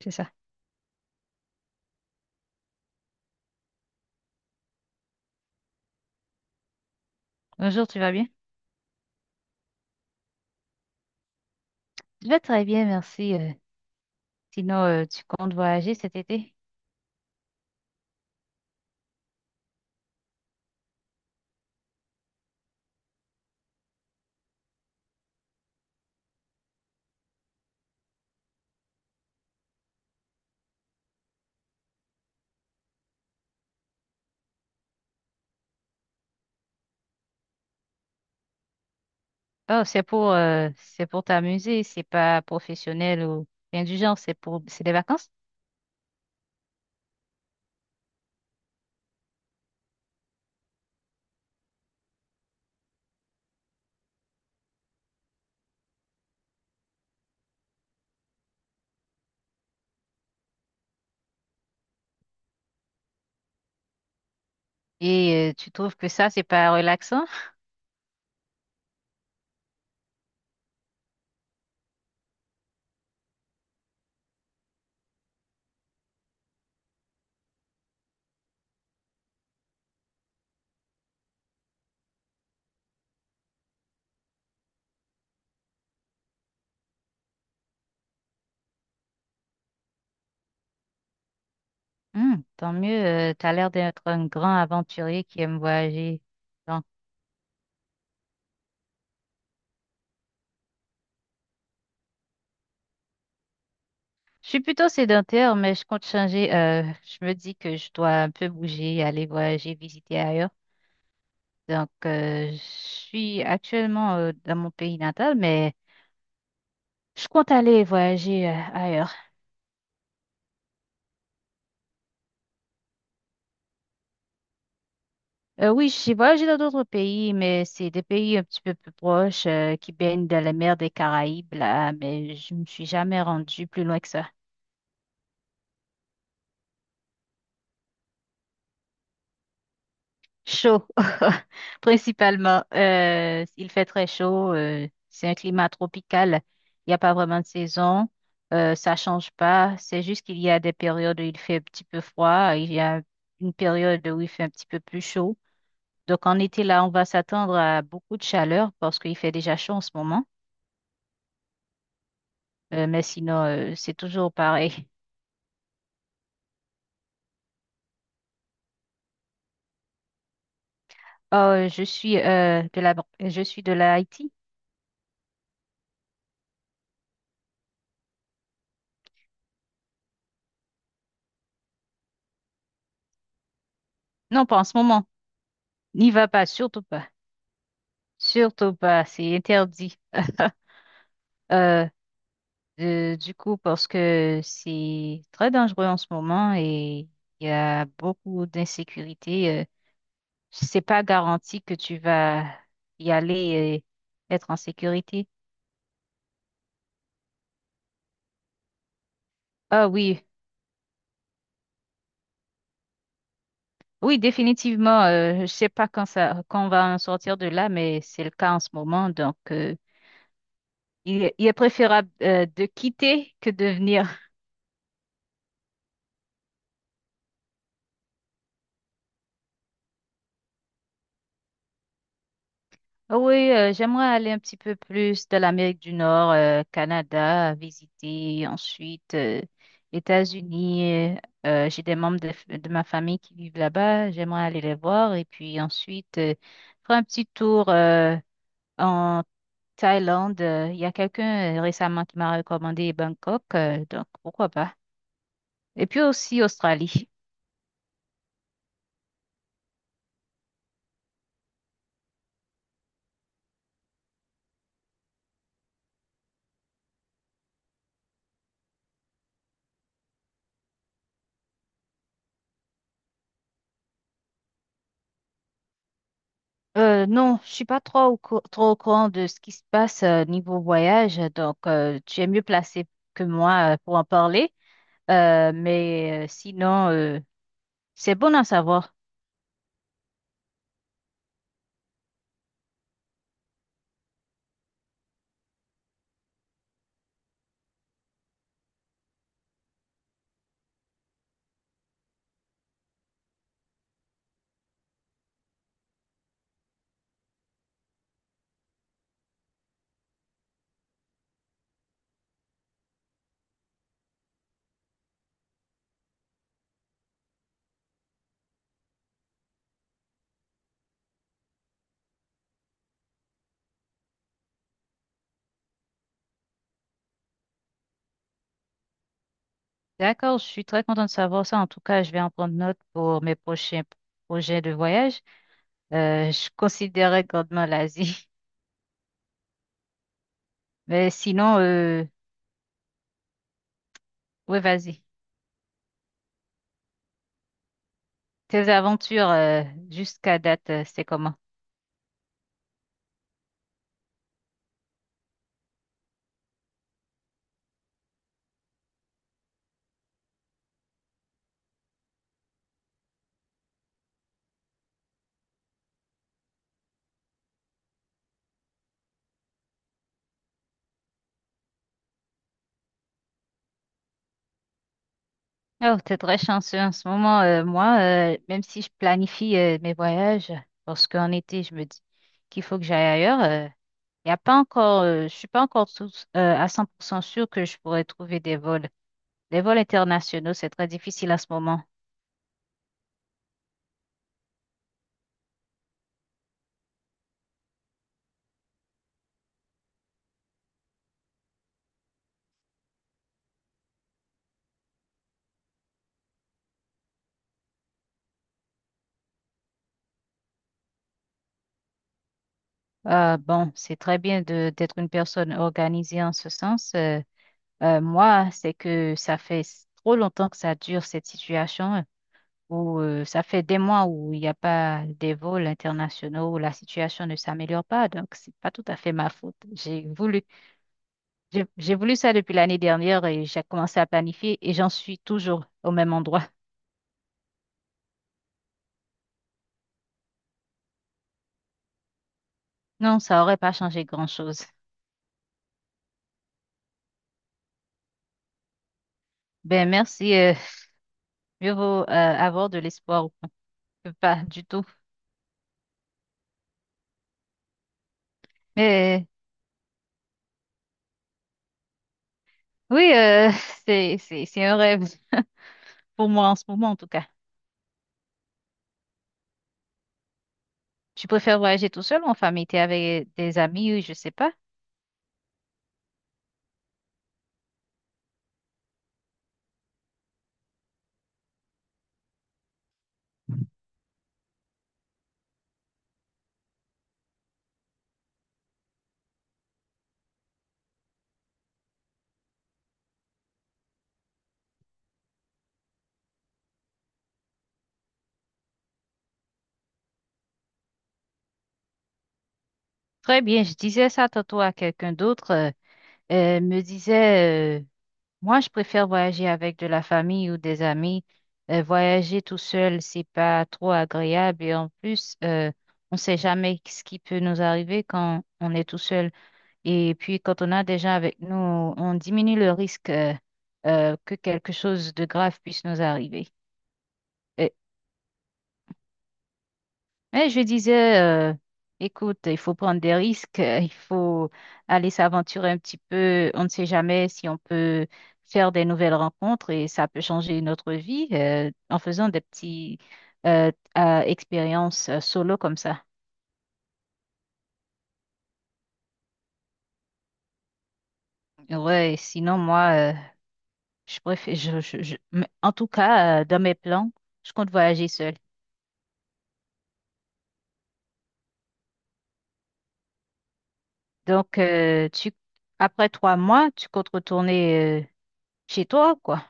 C'est ça. Bonjour, tu vas bien? Je vais très bien, merci. Sinon, tu comptes voyager cet été? Oh, c'est pour t'amuser, c'est pas professionnel ou rien du genre, c'est pour, c'est des vacances. Et tu trouves que ça, c'est pas relaxant? Hmm, tant mieux, t'as l'air d'être un grand aventurier qui aime voyager. Donc, je suis plutôt sédentaire, mais je compte changer. Je me dis que je dois un peu bouger, aller voyager, visiter ailleurs. Donc, je suis actuellement dans mon pays natal, mais je compte aller voyager ailleurs. Oui, j'ai voyagé dans d'autres pays, mais c'est des pays un petit peu plus proches qui baignent dans la mer des Caraïbes, là, mais je me suis jamais rendue plus loin que ça. Chaud, principalement. Il fait très chaud. C'est un climat tropical. Il n'y a pas vraiment de saison. Ça change pas. C'est juste qu'il y a des périodes où il fait un petit peu froid. Il y a une période où il fait un petit peu plus chaud. Donc en été, là, on va s'attendre à beaucoup de chaleur parce qu'il fait déjà chaud en ce moment. Mais sinon, c'est toujours pareil. Oh, je suis je suis de la Haïti. Non, pas en ce moment. N'y va pas, surtout pas. Surtout pas, c'est interdit. Euh, du coup, parce que c'est très dangereux en ce moment et il y a beaucoup d'insécurité. C'est pas garanti que tu vas y aller et être en sécurité. Ah oui, oui, définitivement. Je ne sais pas quand ça, quand on va en sortir de là, mais c'est le cas en ce moment. Donc, il est préférable de quitter que de venir. Oui, j'aimerais aller un petit peu plus de l'Amérique du Nord, Canada, visiter ensuite États-Unis. J'ai des membres de, de ma famille qui vivent là-bas. J'aimerais aller les voir et puis ensuite faire un petit tour Thaïlande, il y a quelqu'un récemment qui m'a recommandé Bangkok, donc pourquoi pas. Et puis aussi Australie. Non, je suis pas trop trop au courant de ce qui se passe niveau voyage, donc tu es mieux placé que moi pour en parler. Mais sinon, c'est bon à savoir. D'accord, je suis très contente de savoir ça. En tout cas, je vais en prendre note pour mes prochains projets de voyage. Je considérais grandement l'Asie. Mais sinon, euh, oui, vas-y. Tes aventures jusqu'à date, c'est comment? Oh, t'es très chanceux en ce moment. Moi, même si je planifie mes voyages, parce qu'en été, je me dis qu'il faut que j'aille ailleurs, y a pas encore, je suis pas encore à 100% sûre que je pourrais trouver des vols. Les vols internationaux, c'est très difficile en ce moment. Bon, c'est très bien de d'être une personne organisée en ce sens. Moi, c'est que ça fait trop longtemps que ça dure, cette situation, où ça fait des mois où il n'y a pas des vols internationaux, où la situation ne s'améliore pas. Donc, c'est pas tout à fait ma faute. J'ai voulu, j'ai voulu ça depuis l'année dernière et j'ai commencé à planifier et j'en suis toujours au même endroit. Non, ça aurait pas changé grand-chose. Ben, merci. Mieux vaut avoir de l'espoir que pas du tout. Mais oui, c'est un rêve pour moi en ce moment, en tout cas. Tu préfères voyager tout seul ou en famille? T'es avec des amis, je sais pas. Très bien, je disais ça tantôt à quelqu'un d'autre. Me disait, moi, je préfère voyager avec de la famille ou des amis. Voyager tout seul, c'est pas trop agréable. Et en plus, on sait jamais ce qui peut nous arriver quand on est tout seul. Et puis, quand on a des gens avec nous, on diminue le risque, que quelque chose de grave puisse nous arriver. Euh, Mais je disais, écoute, il faut prendre des risques, il faut aller s'aventurer un petit peu. On ne sait jamais si on peut faire des nouvelles rencontres et ça peut changer notre vie en faisant des petits euh, expériences solo comme ça. Ouais, sinon moi, je préfère, mais en tout cas, dans mes plans, je compte voyager seule. Donc, tu, après trois mois, tu comptes retourner chez toi, quoi.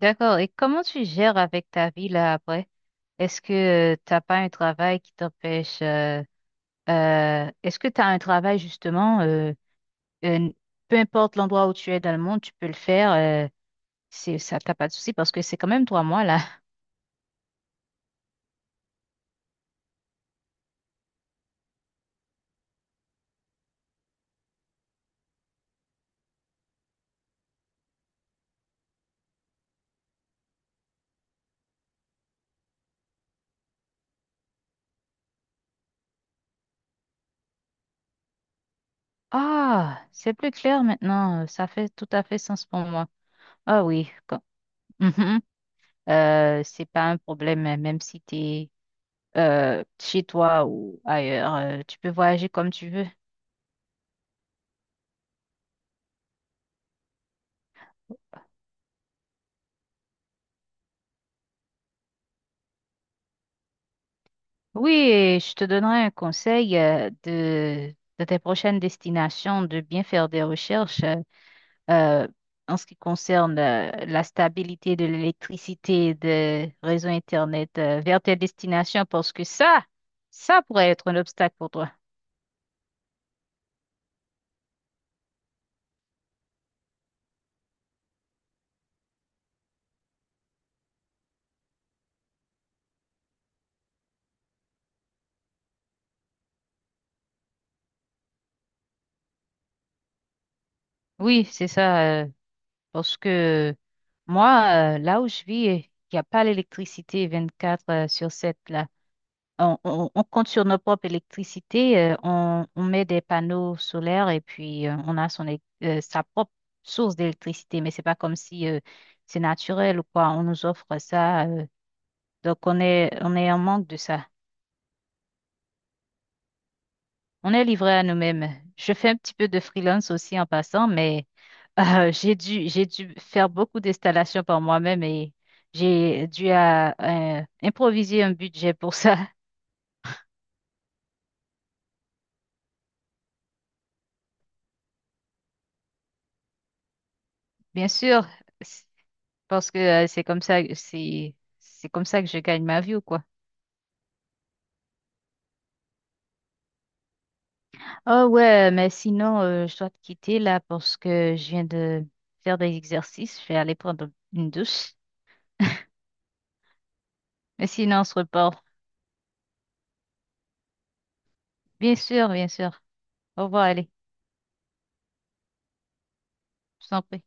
D'accord. Et comment tu gères avec ta vie là après? Est-ce que tu t'as pas un travail qui t'empêche est-ce que tu as un travail justement euh, peu importe l'endroit où tu es dans le monde, tu peux le faire c'est ça t'as pas de souci parce que c'est quand même trois mois là. Ah, c'est plus clair maintenant. Ça fait tout à fait sens pour moi. Ah oui, quand- Mhm. C'est pas un problème, hein, même si tu es chez toi ou ailleurs, tu peux voyager comme tu veux. Oui, et je te donnerai un conseil de tes prochaines destinations, de bien faire des recherches euh, en ce qui concerne la stabilité de l'électricité des réseaux Internet vers tes destinations, parce que ça pourrait être un obstacle pour toi. Oui, c'est ça, parce que moi, là où je vis, il n'y a pas l'électricité 24 sur 7 là. On compte sur notre propre électricité, on met des panneaux solaires et puis on a sa propre source d'électricité, mais c'est pas comme si c'est naturel ou quoi, on nous offre ça. Donc on est en manque de ça. On est livré à nous-mêmes. Je fais un petit peu de freelance aussi en passant, mais j'ai dû faire beaucoup d'installations par moi-même et j'ai dû à, improviser un budget pour ça. Bien sûr. Parce que c'est comme ça, c'est comme ça que je gagne ma vie ou quoi. Oh ouais, mais sinon, je dois te quitter là parce que je viens de faire des exercices. Je vais aller prendre une douche. Mais sinon, on se reparle. Bien sûr, bien sûr. Au revoir, allez. Je t'en prie.